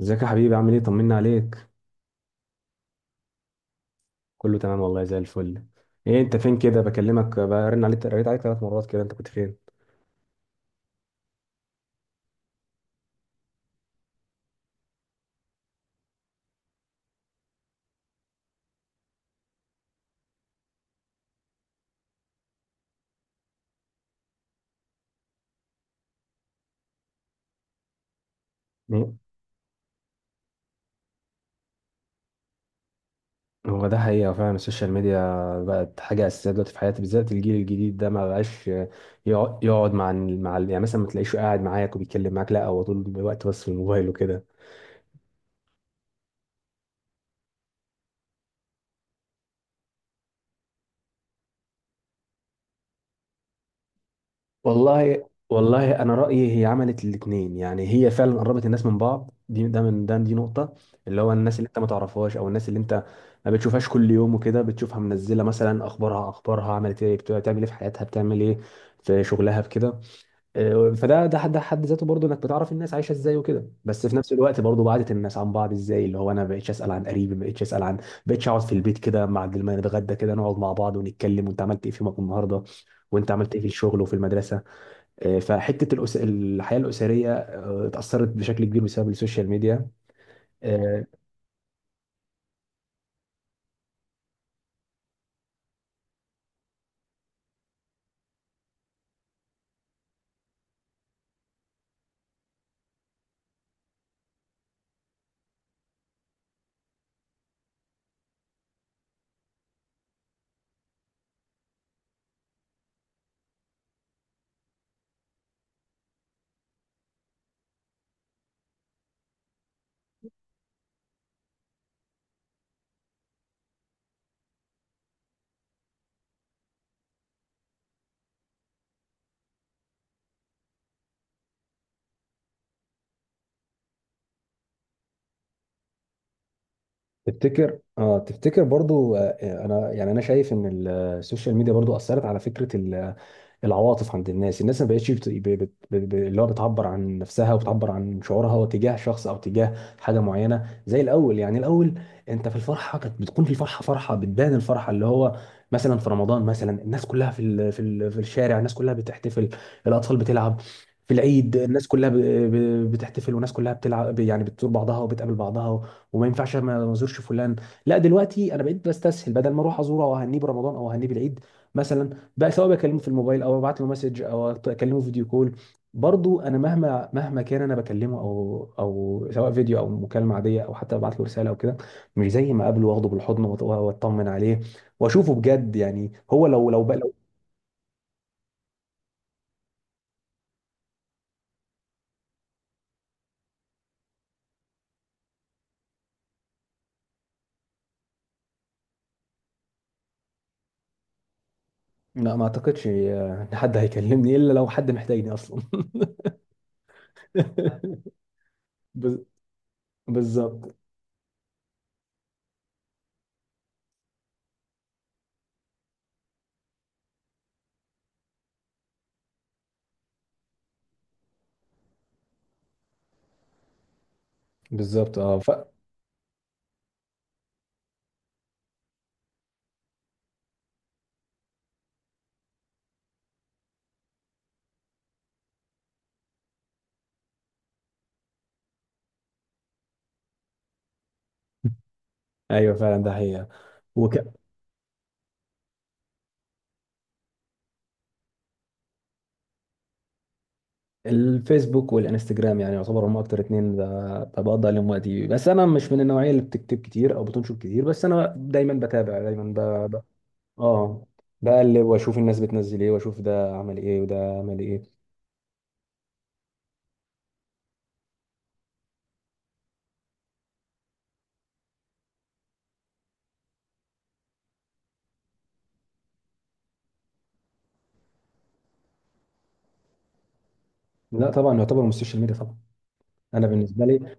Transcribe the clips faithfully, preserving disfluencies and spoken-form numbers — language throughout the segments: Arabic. ازيك يا حبيبي؟ عامل ايه؟ طمنا عليك. كله تمام والله، زي الفل. ايه انت فين كده؟ بكلمك، برن عليك، قريت عليك ثلاث مرات كده، انت كنت فين؟ ايه هو ده حقيقة فعلا. السوشيال ميديا بقت حاجة أساسية دلوقتي في حياتي، بالذات الجيل الجديد ده ما بقاش يقعد يقعد مع ال- مع ال- يعني مثلا ما تلاقيش قاعد معاك وبيتكلم معاك، لا هو طول الوقت بس في الموبايل وكده. والله والله انا رايي هي عملت الاثنين. يعني هي فعلا قربت الناس من بعض، دي ده من ده دي نقطه، اللي هو الناس اللي انت ما تعرفهاش او الناس اللي انت ما بتشوفهاش كل يوم وكده، بتشوفها منزله مثلا اخبارها اخبارها عملت ايه، بت- بتعمل ايه في حياتها، بتعمل ايه في شغلها، في كده. آه، فده ده حد ده حد ذاته برضه، انك بتعرف الناس عايشه ازاي وكده. بس في نفس الوقت برضه بعدت الناس عن بعض، ازاي؟ اللي هو انا ما بقتش اسال عن قريبي، ما بقتش اسال عن، ما بقتش اقعد في البيت كده، مع ما نتغدى كده نقعد مع بعض ونتكلم وانت عملت ايه في يومك النهارده وانت عملت ايه في الشغل وفي المدرسه. آه، فحته الأس... الحياه الاسريه آه، اتاثرت بشكل كبير بسبب السوشيال ميديا. آه، تفتكر اه تفتكر برضو؟ آه، آه، انا يعني انا شايف ان السوشيال ميديا برضو اثرت على فكره العواطف عند الناس. الناس ما بقتش بت- ب- بت- ب- ب- اللي هو بتعبر عن نفسها وبتعبر عن شعورها تجاه شخص او تجاه حاجه معينه زي الاول. يعني الاول انت في الفرحه كانت بتكون في الفرحه، فرحه بتبان، الفرحه اللي هو مثلا في رمضان مثلا، الناس كلها في ال- في ال- في الشارع، الناس كلها بتحتفل، الاطفال بتلعب. في العيد الناس كلها ب- ب- بتحتفل والناس كلها بتلعب، يعني بتزور بعضها وبتقابل بعضها. وما ينفعش ما ما ازورش فلان. لا دلوقتي انا بقيت بستسهل، بدل ما اروح ازوره او اهنيه برمضان او اهنيه بالعيد مثلا، بقى سواء بكلمه في الموبايل او ببعت له مسج او اكلمه فيديو كول. برضو انا مهما مهما كان انا بكلمه او او سواء فيديو او مكالمه عاديه او حتى ببعت له رساله او كده، مش زي ما اقابله واخده بالحضن وأط- واطمن عليه واشوفه بجد. يعني هو لو لو بقى لو. لا ما اعتقدش آه، ان حد هيكلمني الا لو حد محتاجني اصلا. بز- بالظبط. بالظبط اه ف... ايوه فعلا ده حقيقه. وك... الفيسبوك والانستجرام يعني يعتبر هم اكتر اتنين ب- بقضي عليهم وقتي، بس انا مش من النوعيه اللي بتكتب كتير او بتنشر كتير، بس انا دايما بتابع دايما. ب... ب... اه، بقلب واشوف الناس بتنزل ايه واشوف ده عمل ايه وده عمل ايه. لا طبعا يعتبر من السوشيال ميديا طبعا. انا بالنسبه لي،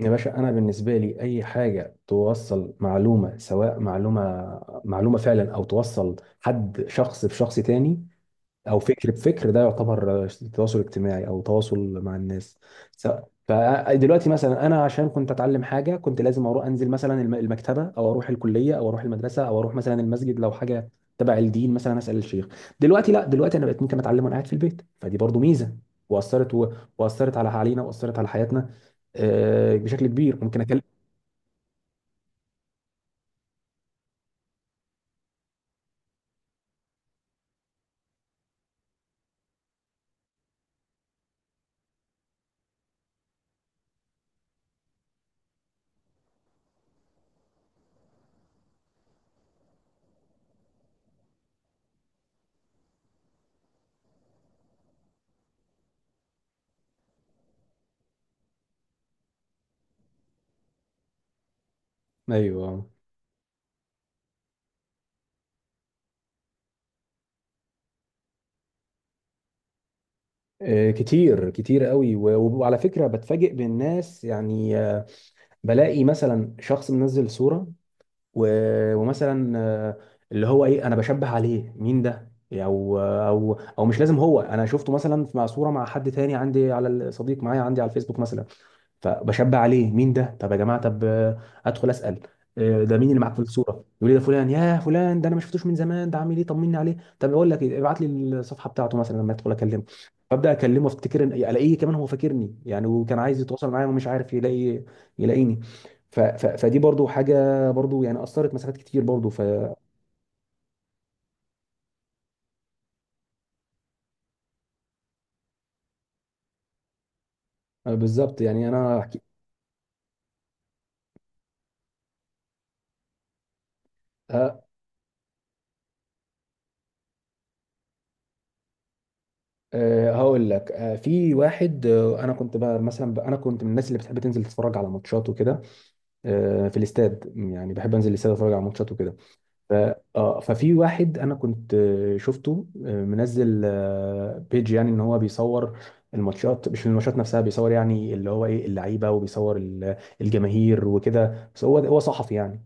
يا باشا، انا بالنسبه لي اي حاجه توصل معلومه، سواء معلومه معلومه فعلا او توصل حد شخص بشخص تاني او فكر بفكر، ده يعتبر تواصل اجتماعي او تواصل مع الناس. س- فدلوقتي مثلا انا عشان كنت اتعلم حاجه كنت لازم اروح انزل مثلا الم- المكتبه او اروح الكليه او اروح المدرسه او اروح مثلا المسجد لو حاجه تبع الدين مثلا اسال الشيخ. دلوقتي لا، دلوقتي انا بقيت ممكن اتعلم وانا قاعد في البيت، فدي برضو ميزه واثرت و... واثرت على علينا، واثرت على حياتنا آه، بشكل كبير. ممكن اكلم. ايوه. آه، كتير كتير قوي، و- وعلى فكره بتفاجئ بالناس يعني. آه، بلاقي مثلا شخص منزل صورة و... ومثلا آه، اللي هو ايه، انا بشبه عليه مين ده، او او او مش لازم هو، انا شفته مثلا مع صورة مع حد تاني عندي على الصديق معايا عندي على الفيسبوك مثلا، فبشبع عليه مين ده. طب يا جماعه، طب آه، ادخل اسال آه، ده مين اللي معاك في الصوره، يقول لي ده فلان يا فلان، ده انا ما شفتوش من زمان، ده عامل ايه، طمني عليه. طب اقول لك إيه، ابعت لي الصفحه بتاعته مثلا لما ادخل اكلمه، فابدا اكلمه افتكر إن- الاقيه كمان هو فاكرني يعني وكان عايز يتواصل معايا ومش عارف يلاقي يلاقيني. ف... ف... فدي برضو حاجه برضو، يعني اثرت مسافات كتير برضو. ف بالظبط، يعني انا هحكي. ه- آه، هقول لك آه، في واحد، آه، انا كنت بقى مثلا ب- انا كنت من الناس اللي بتحب تنزل تتفرج على ماتشات وكده، آه، في الاستاد، يعني بحب انزل الاستاد اتفرج على ماتشات وكده. ف... آه، ففي واحد انا كنت آه، شفته آه، منزل آه، بيج، يعني ان هو بيصور الماتشات، مش الماتشات نفسها، بيصور يعني اللي هو ايه اللعيبه وبيصور ال- الجماهير وكده، بس هو هو صحفي يعني.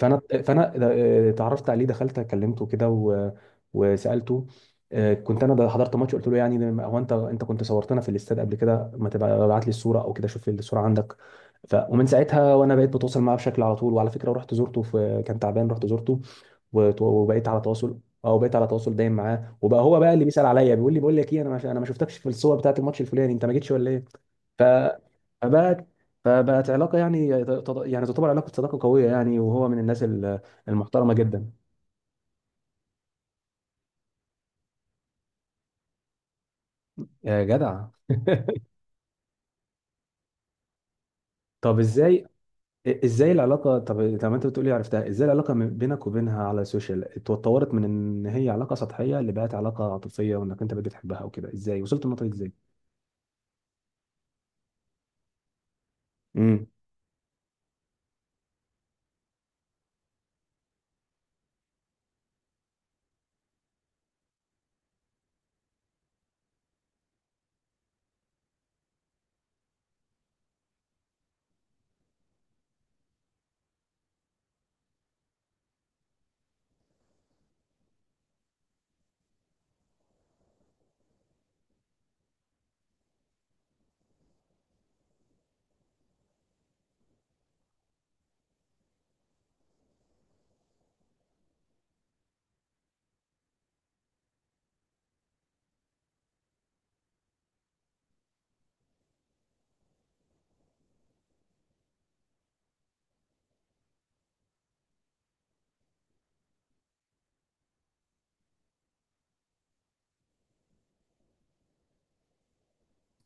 فانا فانا اتعرفت عليه، دخلت كلمته كده و... وسالته. آه، كنت انا ده حضرت ماتش، قلت له يعني ده- هو انت انت كنت صورتنا في الاستاد قبل كده، ما تبقى ابعت لي الصوره او كده، شوف الصوره عندك. ف... ومن ساعتها وانا بقيت بتواصل معاه بشكل على طول. وعلى فكره رحت زرته في كان تعبان، رحت زرته وت- وبقيت على تواصل. اه بقيت على تواصل دايم معاه، وبقى هو بقى اللي بيسال عليا، بيقول لي بقول لك ايه، انا ما... انا ما شفتكش في الصور بتاعت الماتش الفلاني، انت ما جيتش ولا ايه. ف... فبقى فبقت علاقه يعني، يعني تعتبر علاقه صداقه قويه يعني، وهو من الناس ال- المحترمه جدا. يا جدع طب ازاي؟ ازاي العلاقه؟ طب طب انت بتقولي عرفتها، ازاي العلاقه من- بينك وبينها على السوشيال اتطورت من ان هي علاقه سطحيه اللي بقت علاقه عاطفيه، وانك انت بقيت بتحبها وكده؟ ازاي وصلت النقطه دي؟ ازاي؟ امم.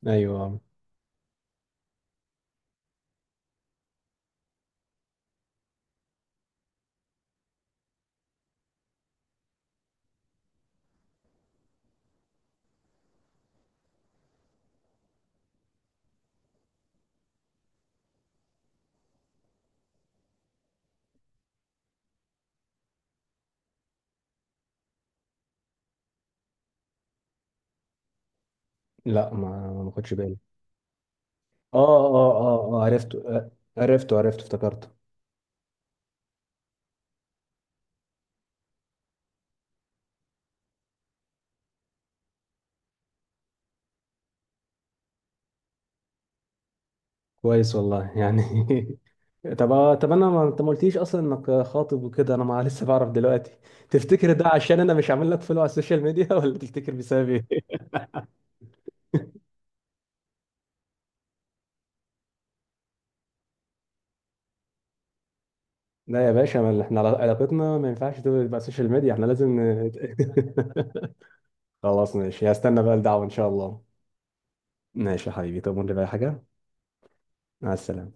ايوه. لا ما ما خدش بالي. اه اه اه اه عرفته، آه، عرفته عرفته افتكرته. كويس والله يعني. طب آه، طب انا ما انت ما قلتليش اصلا انك خاطب وكده، انا ما لسه بعرف دلوقتي. تفتكر ده عشان انا مش عامل لك فولو على السوشيال ميديا ولا تفتكر بسبب ايه؟ لا يا باشا، ما احنا علا- علاقتنا ما ينفعش تبقى على السوشيال ميديا، احنا لازم ن- خلاص ماشي، هستنى بقى الدعوة ان شاء الله. ماشي يا حبيبي، تؤمرني بأي حاجة. مع السلامة.